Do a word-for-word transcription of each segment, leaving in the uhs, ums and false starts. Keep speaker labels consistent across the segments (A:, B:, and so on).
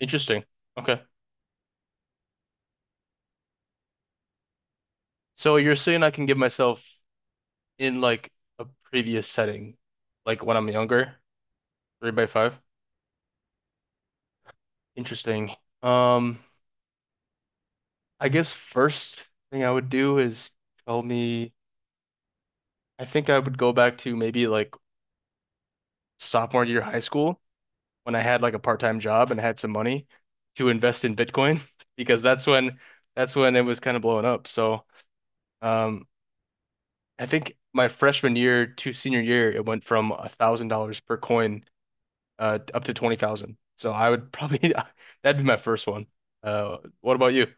A: Interesting. Okay. So you're saying I can give myself in like a previous setting, like when I'm younger, three by five. Interesting. Um, I guess first thing I would do is tell me, I think I would go back to maybe like sophomore year high school when I had like a part-time job and had some money to invest in Bitcoin because that's when that's when it was kind of blowing up. So, um, I think my freshman year to senior year, it went from a thousand dollars per coin uh up to twenty thousand. So I would probably that'd be my first one. Uh, what about you?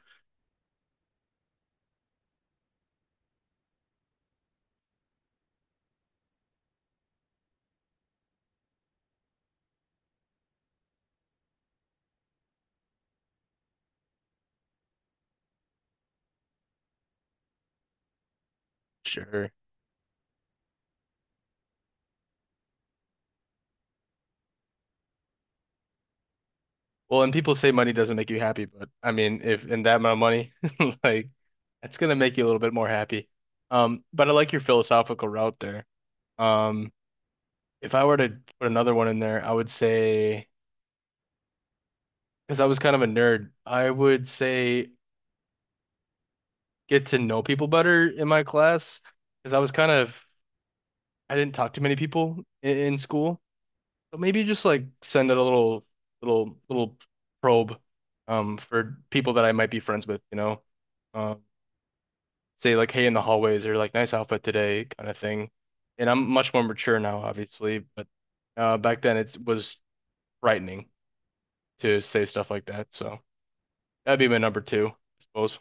A: Sure. Well, and people say money doesn't make you happy, but I mean, if in that amount of money, like that's gonna make you a little bit more happy. Um, but I like your philosophical route there. Um, if I were to put another one in there, I would say because I was kind of a nerd, I would say get to know people better in my class because I was kind of I didn't talk to many people in, in school. But maybe just like send it a little little little probe um for people that I might be friends with, you know. Um, say like hey in the hallways or like nice outfit today kind of thing. And I'm much more mature now, obviously, but uh, back then it was frightening to say stuff like that. So that'd be my number two, I suppose.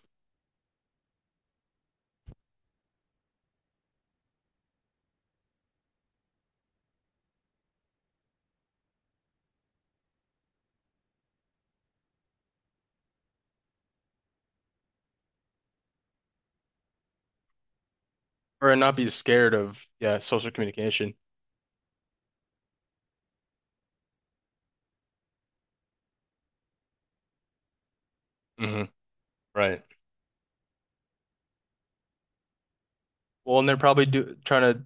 A: Or not be scared of, yeah, social communication. Hmm. Right. Well, and they're probably do trying to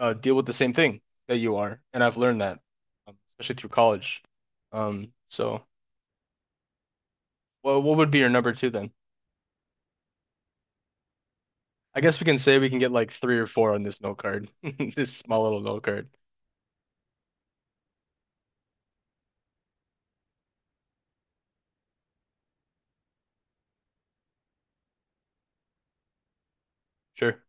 A: uh, deal with the same thing that you are, and I've learned that, um, especially through college. Um, so, well, what would be your number two then? I guess we can say we can get like three or four on this note card, this small little note card. Sure.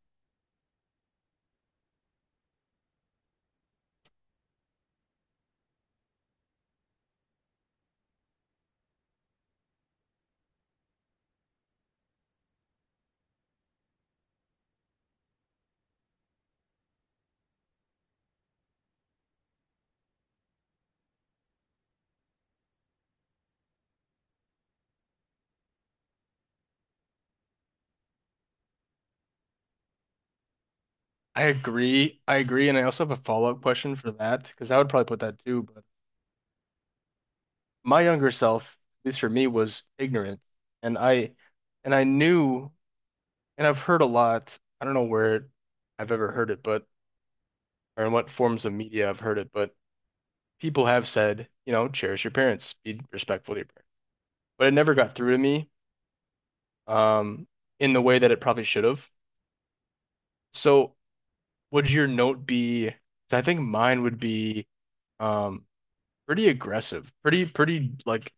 A: I agree. I agree, and I also have a follow-up question for that because I would probably put that too. But my younger self, at least for me, was ignorant, and I, and I knew, and I've heard a lot. I don't know where I've ever heard it, but or in what forms of media I've heard it, but people have said, you know, cherish your parents, be respectful to your parents. But it never got through to me, um, in the way that it probably should have. So would your note be, 'cause I think mine would be um, pretty aggressive, pretty, pretty like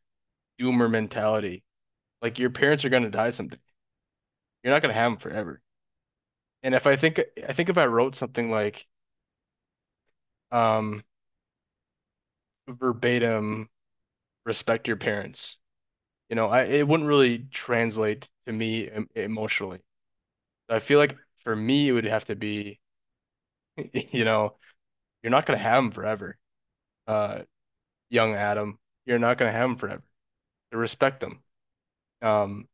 A: doomer mentality. Like your parents are gonna die someday. You're not gonna have them forever. And if I think I think if I wrote something like um, verbatim, respect your parents, you know, I it wouldn't really translate to me em- emotionally. I feel like for me, it would have to be, you know, you're not gonna have him forever, uh, young Adam. You're not gonna have him forever. So respect him. Um,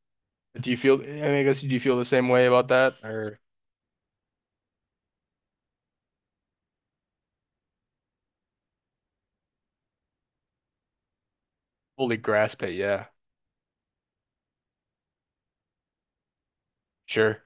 A: do you feel? I mean, I guess do you feel the same way about that, or fully grasp it? Yeah, sure,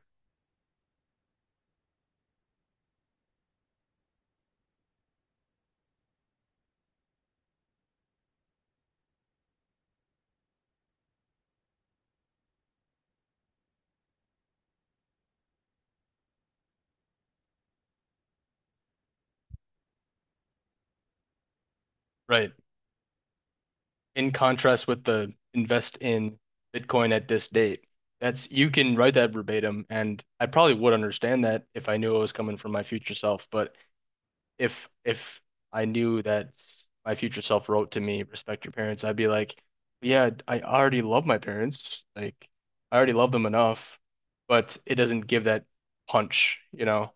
A: right. In contrast with the invest in Bitcoin at this date, that's you can write that verbatim, and I probably would understand that if I knew it was coming from my future self. But if if I knew that my future self wrote to me, respect your parents, I'd be like, yeah, I already love my parents. Like, I already love them enough, but it doesn't give that punch, you know?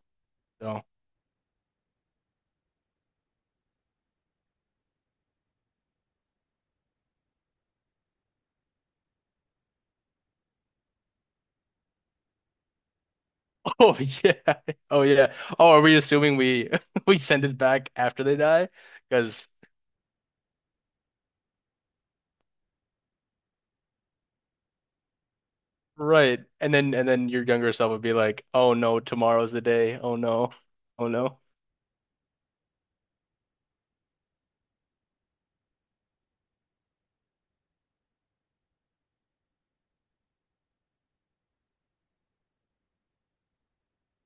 A: So, oh yeah, oh yeah. Oh, are we assuming we we send it back after they die? Because right, and then and then your younger self would be like, oh no, tomorrow's the day. Oh no, oh no.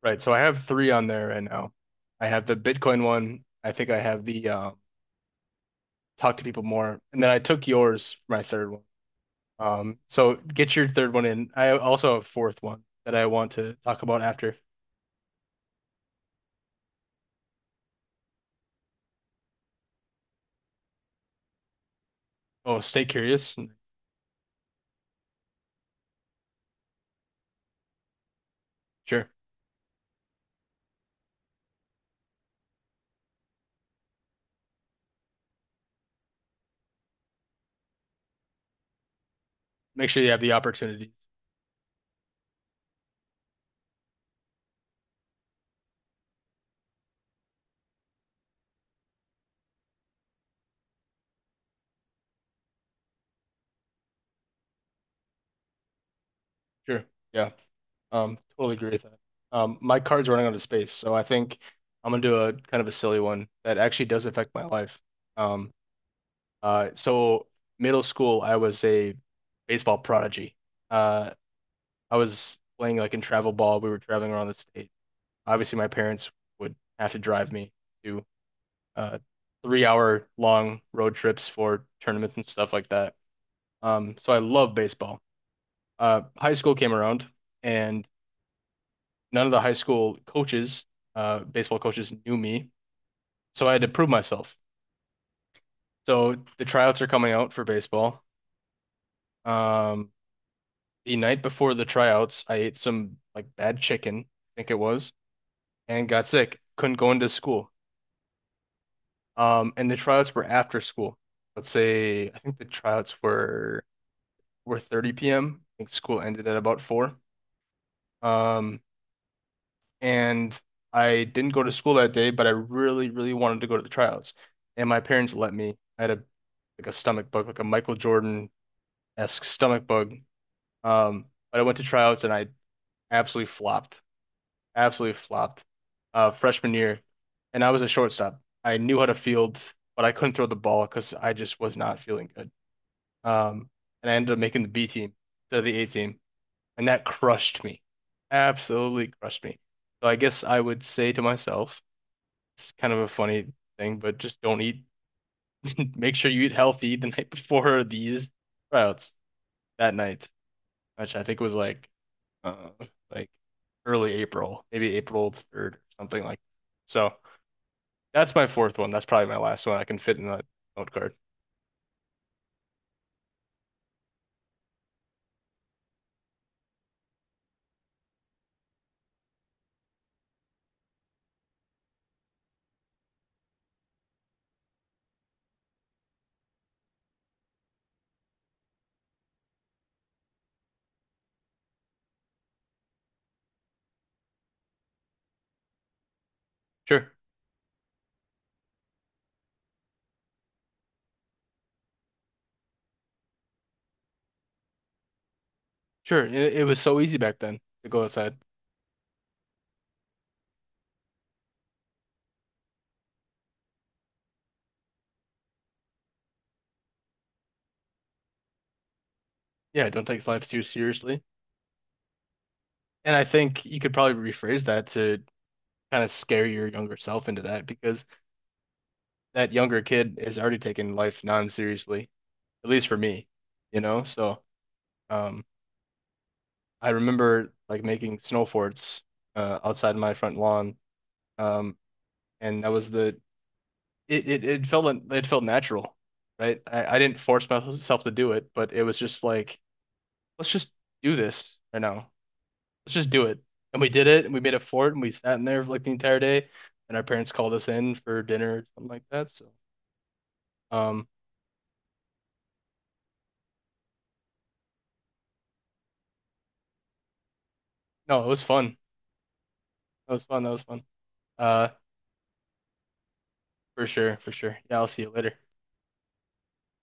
A: Right. So I have three on there right now. I have the Bitcoin one. I think I have the um, talk to people more. And then I took yours, my third one. Um, so get your third one in. I also have a fourth one that I want to talk about after. Oh, stay curious. Sure. Make sure you have the opportunity. Sure. Yeah. Um, totally agree with that. Um, my card's running out of space, so I think I'm gonna do a kind of a silly one that actually does affect my life. Um, uh, so middle school, I was a baseball prodigy. Uh, I was playing like in travel ball. We were traveling around the state. Obviously my parents would have to drive me to uh, three hour long road trips for tournaments and stuff like that. Um, so I love baseball. Uh, high school came around, and none of the high school coaches, uh, baseball coaches, knew me, so I had to prove myself. So the tryouts are coming out for baseball. Um, the night before the tryouts, I ate some like bad chicken, I think it was, and got sick. Couldn't go into school. Um, and the tryouts were after school. Let's say I think the tryouts were were thirty p m. I think school ended at about four. Um, and I didn't go to school that day, but I really, really wanted to go to the tryouts. And my parents let me. I had a like a stomach bug, like a Michael Jordan-esque stomach bug. Um, but I went to tryouts and I absolutely flopped. Absolutely flopped. Uh, freshman year, and I was a shortstop. I knew how to field, but I couldn't throw the ball because I just was not feeling good. Um, and I ended up making the B team instead of the A team. And that crushed me. Absolutely crushed me. So I guess I would say to myself, it's kind of a funny thing, but just don't eat. Make sure you eat healthy the night before these tryouts that night, which I think was like uh, like early April, maybe April third or something like that. So that's my fourth one. That's probably my last one I can fit in that note card. Sure. Sure. It, it was so easy back then to go outside. Yeah, don't take life too seriously. And I think you could probably rephrase that to kind of scare your younger self into that because that younger kid is already taking life non-seriously, at least for me, you know? So, um, I remember like making snow forts uh, outside my front lawn. Um, and that was the, it, it, it felt, it felt natural, right? I, I didn't force myself to do it, but it was just like, let's just do this right now. Let's just do it. And we did it and we made a fort and we sat in there for like the entire day and our parents called us in for dinner or something like that. So um, no, it was fun. That was fun. That was fun. Uh, for sure, for sure. Yeah, I'll see you later.